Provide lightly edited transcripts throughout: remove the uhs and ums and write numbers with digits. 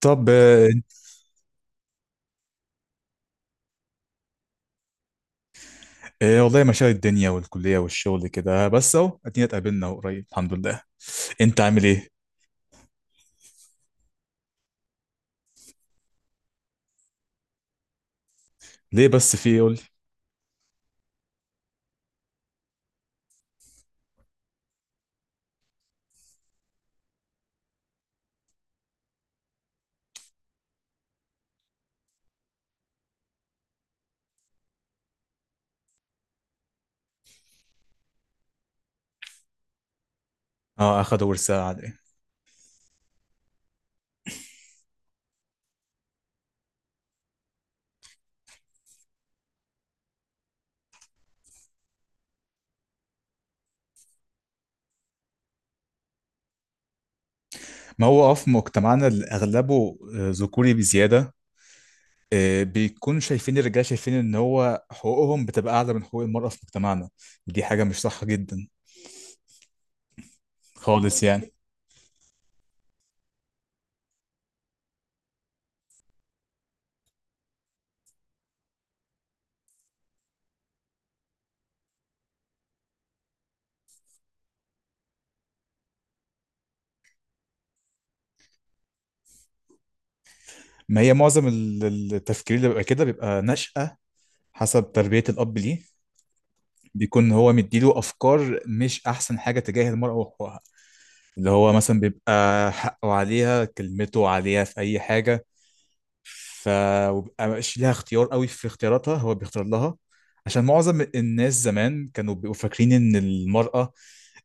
طب، والله مشاغل الدنيا والكلية والشغل كده. بس اهو ادينا اتقابلنا قريب، الحمد لله. انت عامل ايه؟ ليه بس في إيه؟ قول لي. اه، اخدوا ورثة على ايه؟ ما هو في مجتمعنا اللي اغلبه ذكوري بزيادة. بيكون شايفين الرجال، شايفين ان هو حقوقهم بتبقى اعلى من حقوق المرأة في مجتمعنا. دي حاجة مش صح جدا خالص يعني. ما هي معظم التفكير اللي بيبقى كده بيبقى نشأة حسب تربية الأب ليه. بيكون هو مديله أفكار مش أحسن حاجة تجاه المرأة وحقوقها، اللي هو مثلا بيبقى حقه عليها، كلمته عليها في اي حاجه. ف وبيبقى مش لها اختيار قوي في اختياراتها، هو بيختار لها. عشان معظم الناس زمان كانوا بيبقوا فاكرين ان المراه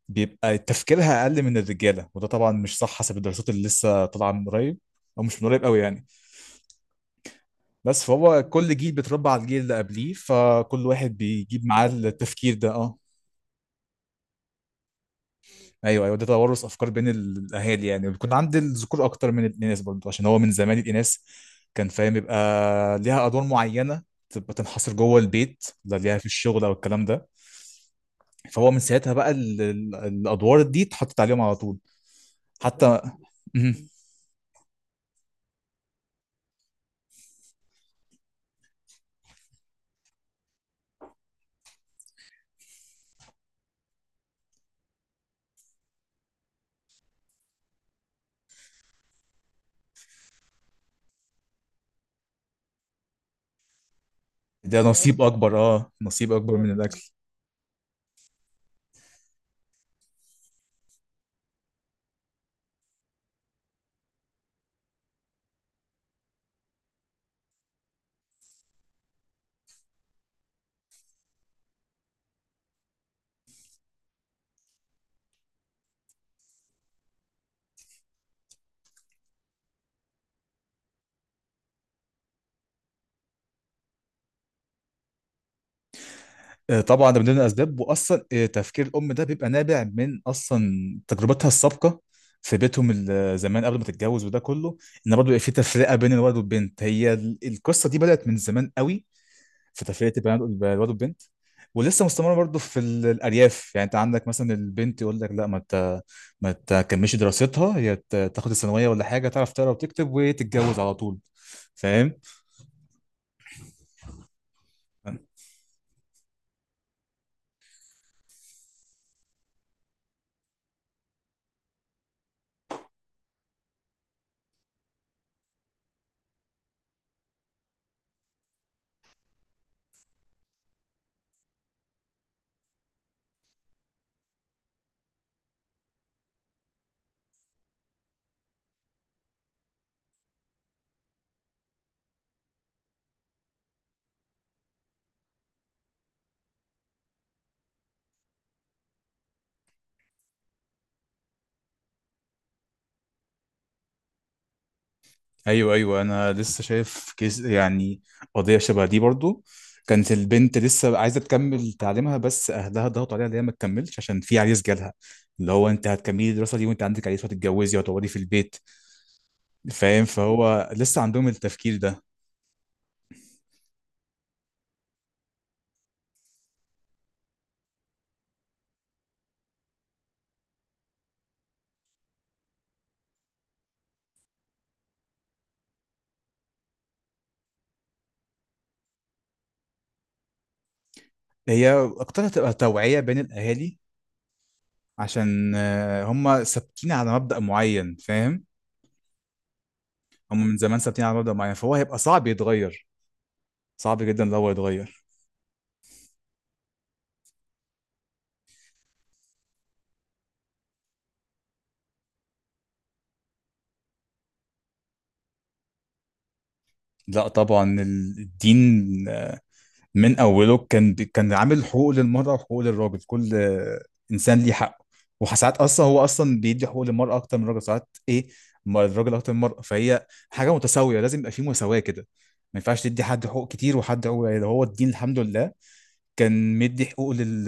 بيبقى تفكيرها اقل من الرجاله، وده طبعا مش صح حسب الدراسات اللي لسه طالعه من قريب، او مش من قريب قوي يعني. بس فهو كل جيل بيتربى على الجيل اللي قبليه، فكل واحد بيجيب معاه التفكير ده، اه. ايوه، ايوه، ده توارث افكار بين الاهالي، يعني بيكون عند الذكور اكتر من الاناث برضه. عشان هو من زمان الاناث كان فاهم يبقى ليها ادوار معينه، تبقى تنحصر جوه البيت، لا ليها في الشغل او الكلام ده. فهو من ساعتها بقى الادوار دي اتحطت عليهم على طول. حتى. مهم. ده نصيب اكبر، اه، نصيب اكبر من الاكل. طبعا ده من ضمن الاسباب، واصلا تفكير الام ده بيبقى نابع من اصلا تجربتها السابقه في بيتهم زمان قبل ما تتجوز وده كله، ان برضه يبقى في تفرقه بين الولد والبنت. هي القصه دي بدات من زمان قوي، في تفرقه البنات، الولد والبنت. ولسه مستمره برضه في الارياف. يعني انت عندك مثلا البنت يقول لك لا، ما تكملش دراستها، هي تاخد الثانويه ولا حاجه تعرف تقرا وتكتب وتتجوز على طول، فاهم. ايوه، ايوه، انا لسه شايف كيس يعني، قضيه شبه دي برضو. كانت البنت لسه عايزه تكمل تعليمها بس اهلها ضغطوا عليها ان هي ما تكملش عشان في عريس جالها. اللي هو انت هتكملي الدراسه دي وانت عندك عريس، وهتتجوزي وهتقعدي في البيت. فاهم، فهو لسه عندهم التفكير ده. هي اكتر هتبقى توعيه بين الاهالي، عشان هم ثابتين على مبدأ معين، فاهم. هم من زمان ثابتين على مبدأ معين، فهو هيبقى صعب يتغير، صعب جدا لو هو يتغير. لا طبعا الدين من اوله كان عامل حقوق للمراه وحقوق للراجل، كل انسان ليه حقه. وساعات اصلا هو اصلا بيدي حقوق للمراه اكتر من الراجل، ساعات ايه ما الراجل اكتر من المراه. فهي حاجه متساويه، لازم يبقى في مساواه كده. ما ينفعش تدي حد حقوق كتير وحد حقوق قليله. هو الدين الحمد لله كان مدي حقوق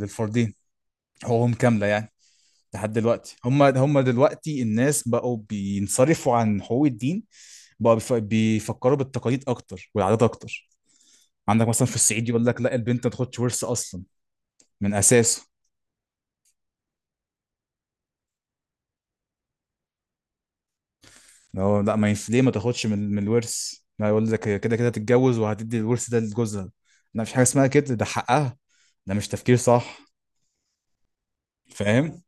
للفردين حقوقهم كامله يعني. لحد دلوقتي هم دلوقتي الناس بقوا بينصرفوا عن حقوق الدين. بقوا بيفكروا بالتقاليد اكتر والعادات اكتر. عندك مثلا في الصعيد يقول لك لا، البنت ما تاخدش ورث اصلا من اساسه. هو لا، ما ينفع ليه ما تاخدش من الورث. لا، يقول لك هي كده كده تتجوز وهتدي الورث ده لجوزها. لا، مفيش حاجه اسمها كده، ده حقها. ده مش تفكير صح، فاهم.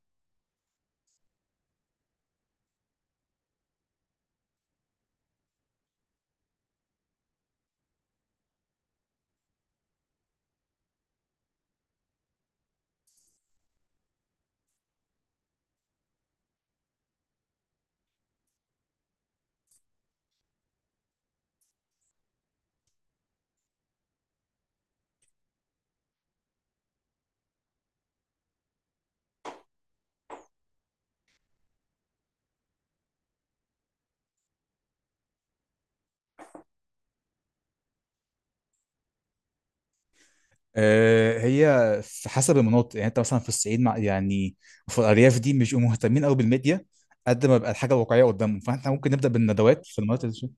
هي في حسب المناطق يعني. انت مثلا في الصعيد، مع يعني في الارياف دي مش بيبقوا مهتمين قوي بالميديا قد ما بقى الحاجه واقعيه قدامهم. فاحنا ممكن نبدا بالندوات في المناطق دي.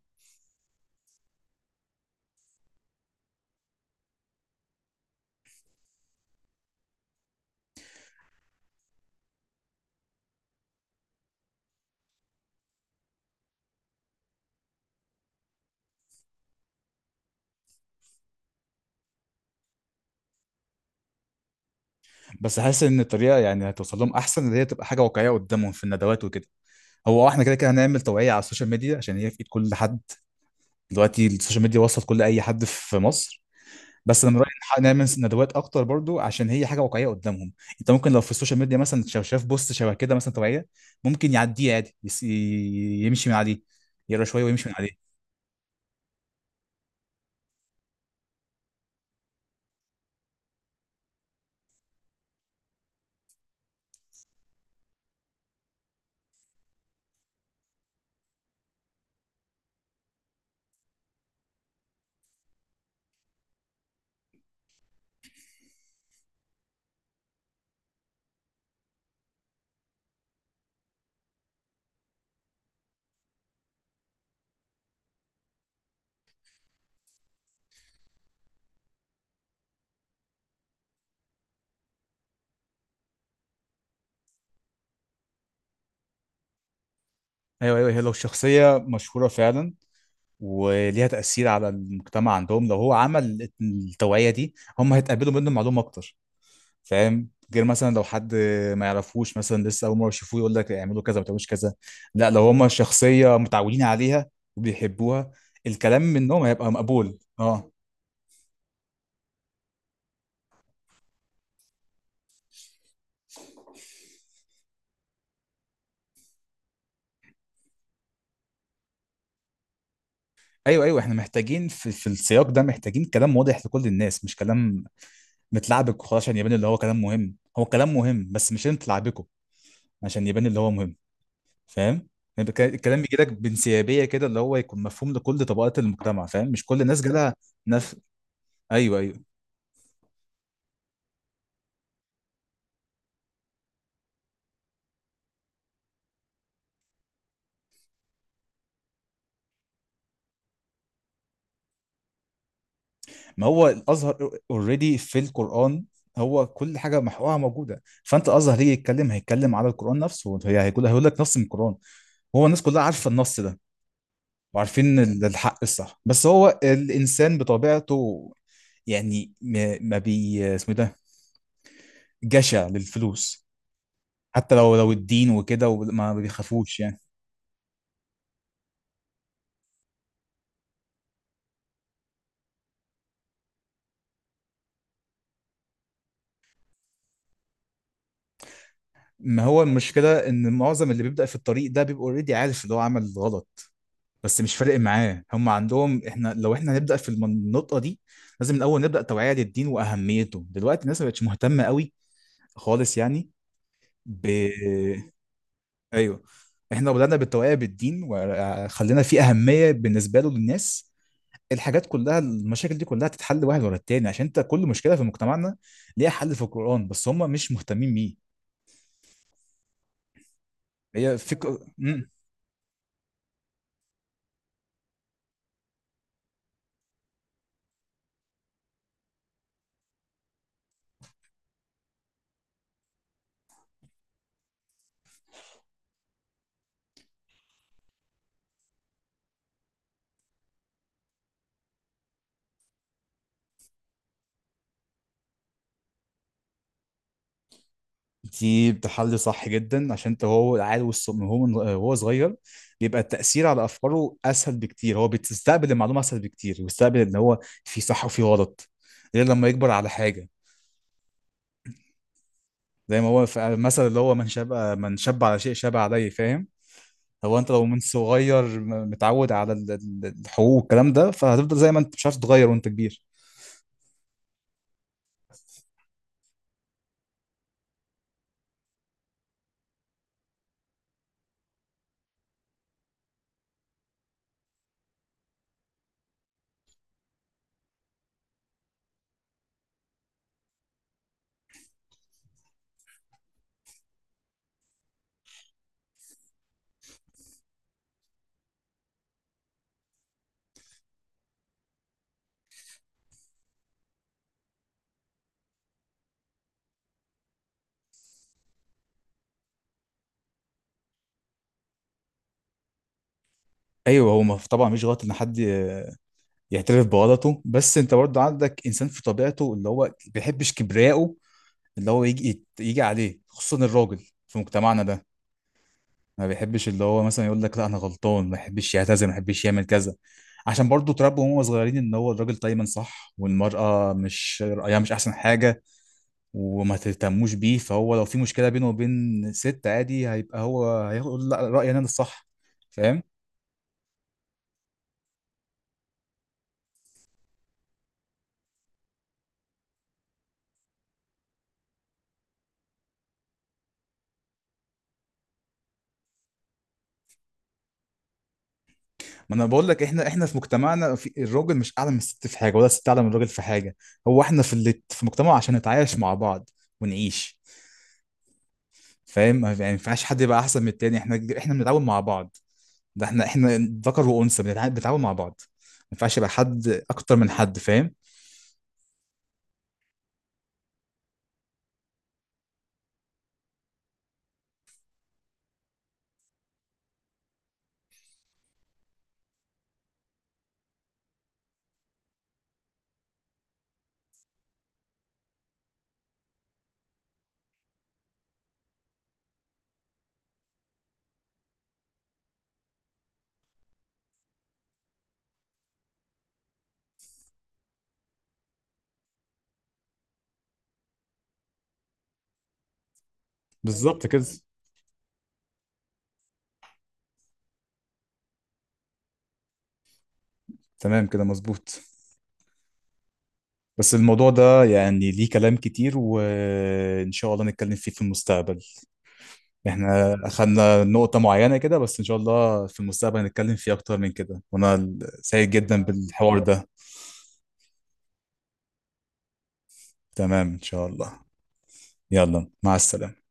بس حاسس ان الطريقه يعني هتوصل لهم احسن اللي هي تبقى حاجه واقعيه قدامهم في الندوات وكده. هو احنا كده كده هنعمل توعية على السوشيال ميديا عشان هي في ايد كل حد دلوقتي، السوشيال ميديا وصلت كل اي حد في مصر. بس انا من رايي نعمل ندوات اكتر برضو عشان هي حاجه واقعيه قدامهم. انت ممكن لو في السوشيال ميديا مثلا شاف بوست شبه كده مثلا توعيه، ممكن يعديه عادي، يمشي من عليه، يقرا شويه ويمشي من عليه. ايوه، ايوه، هي لو شخصيه مشهوره فعلا وليها تاثير على المجتمع عندهم، لو هو عمل التوعيه دي هم هيتقبلوا منه معلومه اكتر، فاهم. غير مثلا لو حد ما يعرفوش مثلا، لسه اول مره يشوفوه، يقول لك اعملوا كذا ما تعملوش كذا. لا لو هما شخصيه متعودين عليها وبيحبوها، الكلام منهم هيبقى مقبول، اه. ايوه، ايوه، احنا محتاجين في السياق ده، محتاجين كلام واضح لكل الناس، مش كلام متلعبك وخلاص. عشان يبان اللي هو كلام مهم، هو كلام مهم بس مش انت تلعبكه عشان يبان اللي هو مهم، فاهم. يعني الكلام بيجي لك بانسيابيه كده، اللي هو يكون مفهوم لكل طبقات المجتمع، فاهم، مش كل الناس جالها نفس. ايوه، ايوه، ما هو الازهر اوريدي في القران، هو كل حاجه محورها موجوده. فانت الازهر هيجي هيتكلم على القران نفسه، هي هيقول هيقول لك نص من القران. هو الناس كلها عارفه النص ده وعارفين الحق الصح. بس هو الانسان بطبيعته يعني ما اسمه ده، جشع للفلوس. حتى لو الدين وكده، وما بيخافوش يعني. ما هو المشكله ان معظم اللي بيبدا في الطريق ده بيبقى اوريدي عارف اللي هو عمل غلط، بس مش فارق معاه. هم عندهم احنا لو هنبدا في النقطه دي، لازم الاول نبدا توعيه للدين واهميته. دلوقتي الناس ما بقتش مهتمه قوي خالص يعني. ب ايوه، احنا لو بدانا بالتوعيه بالدين وخلينا فيه اهميه بالنسبه للناس، الحاجات كلها المشاكل دي كلها تتحل واحد ورا التاني. عشان انت كل مشكله في مجتمعنا ليها حل في القرآن، بس هم مش مهتمين بيه. هي فكره. دي بتحل صح جدا، عشان انت هو عيل من هو صغير بيبقى التأثير على أفكاره أسهل بكتير. هو بيستقبل المعلومة أسهل بكتير ويستقبل إن هو في صح وفي غلط، غير لما يكبر على حاجة. زي ما هو في المثل اللي هو من شاب على شيء شاب عليه، فاهم. هو أنت لو من صغير متعود على الحقوق والكلام ده، فهتفضل زي ما أنت مش عارف تتغير وأنت كبير. ايوه، هو طبعا مش غلط ان حد يعترف بغلطه. بس انت برضه عندك انسان في طبيعته اللي هو بيحبش كبرياءه، اللي هو يجي يجي عليه، خصوصا الراجل في مجتمعنا ده. ما بيحبش اللي هو مثلا يقول لك لا انا غلطان، ما بيحبش يعتذر، ما بيحبش يعمل كذا. عشان برضه اتربوا وهم صغيرين ان هو الراجل دايما صح والمرأة مش رأيها مش احسن حاجة وما تهتموش بيه. فهو لو في مشكلة بينه وبين ست عادي، هيبقى هو هيقول لا رأيي انا اللي صح، فاهم. ما انا بقول لك احنا، في مجتمعنا في الراجل مش اعلى من الست في حاجة ولا الست اعلى من الراجل في حاجة. هو احنا في اللي في مجتمع عشان نتعايش مع بعض ونعيش، فاهم. ما يعني ما ينفعش حد يبقى احسن من التاني، احنا بنتعاون مع بعض. ده احنا ذكر وانثى بنتعاون مع بعض. ما ينفعش يبقى حد اكتر من حد، فاهم. بالظبط كده، تمام كده، مظبوط. بس الموضوع ده يعني ليه كلام كتير، وإن شاء الله نتكلم فيه في المستقبل. احنا أخدنا نقطة معينة كده، بس إن شاء الله في المستقبل نتكلم فيه أكتر من كده، وأنا سعيد جدا بالحوار ده. تمام إن شاء الله. يلا، مع السلامة.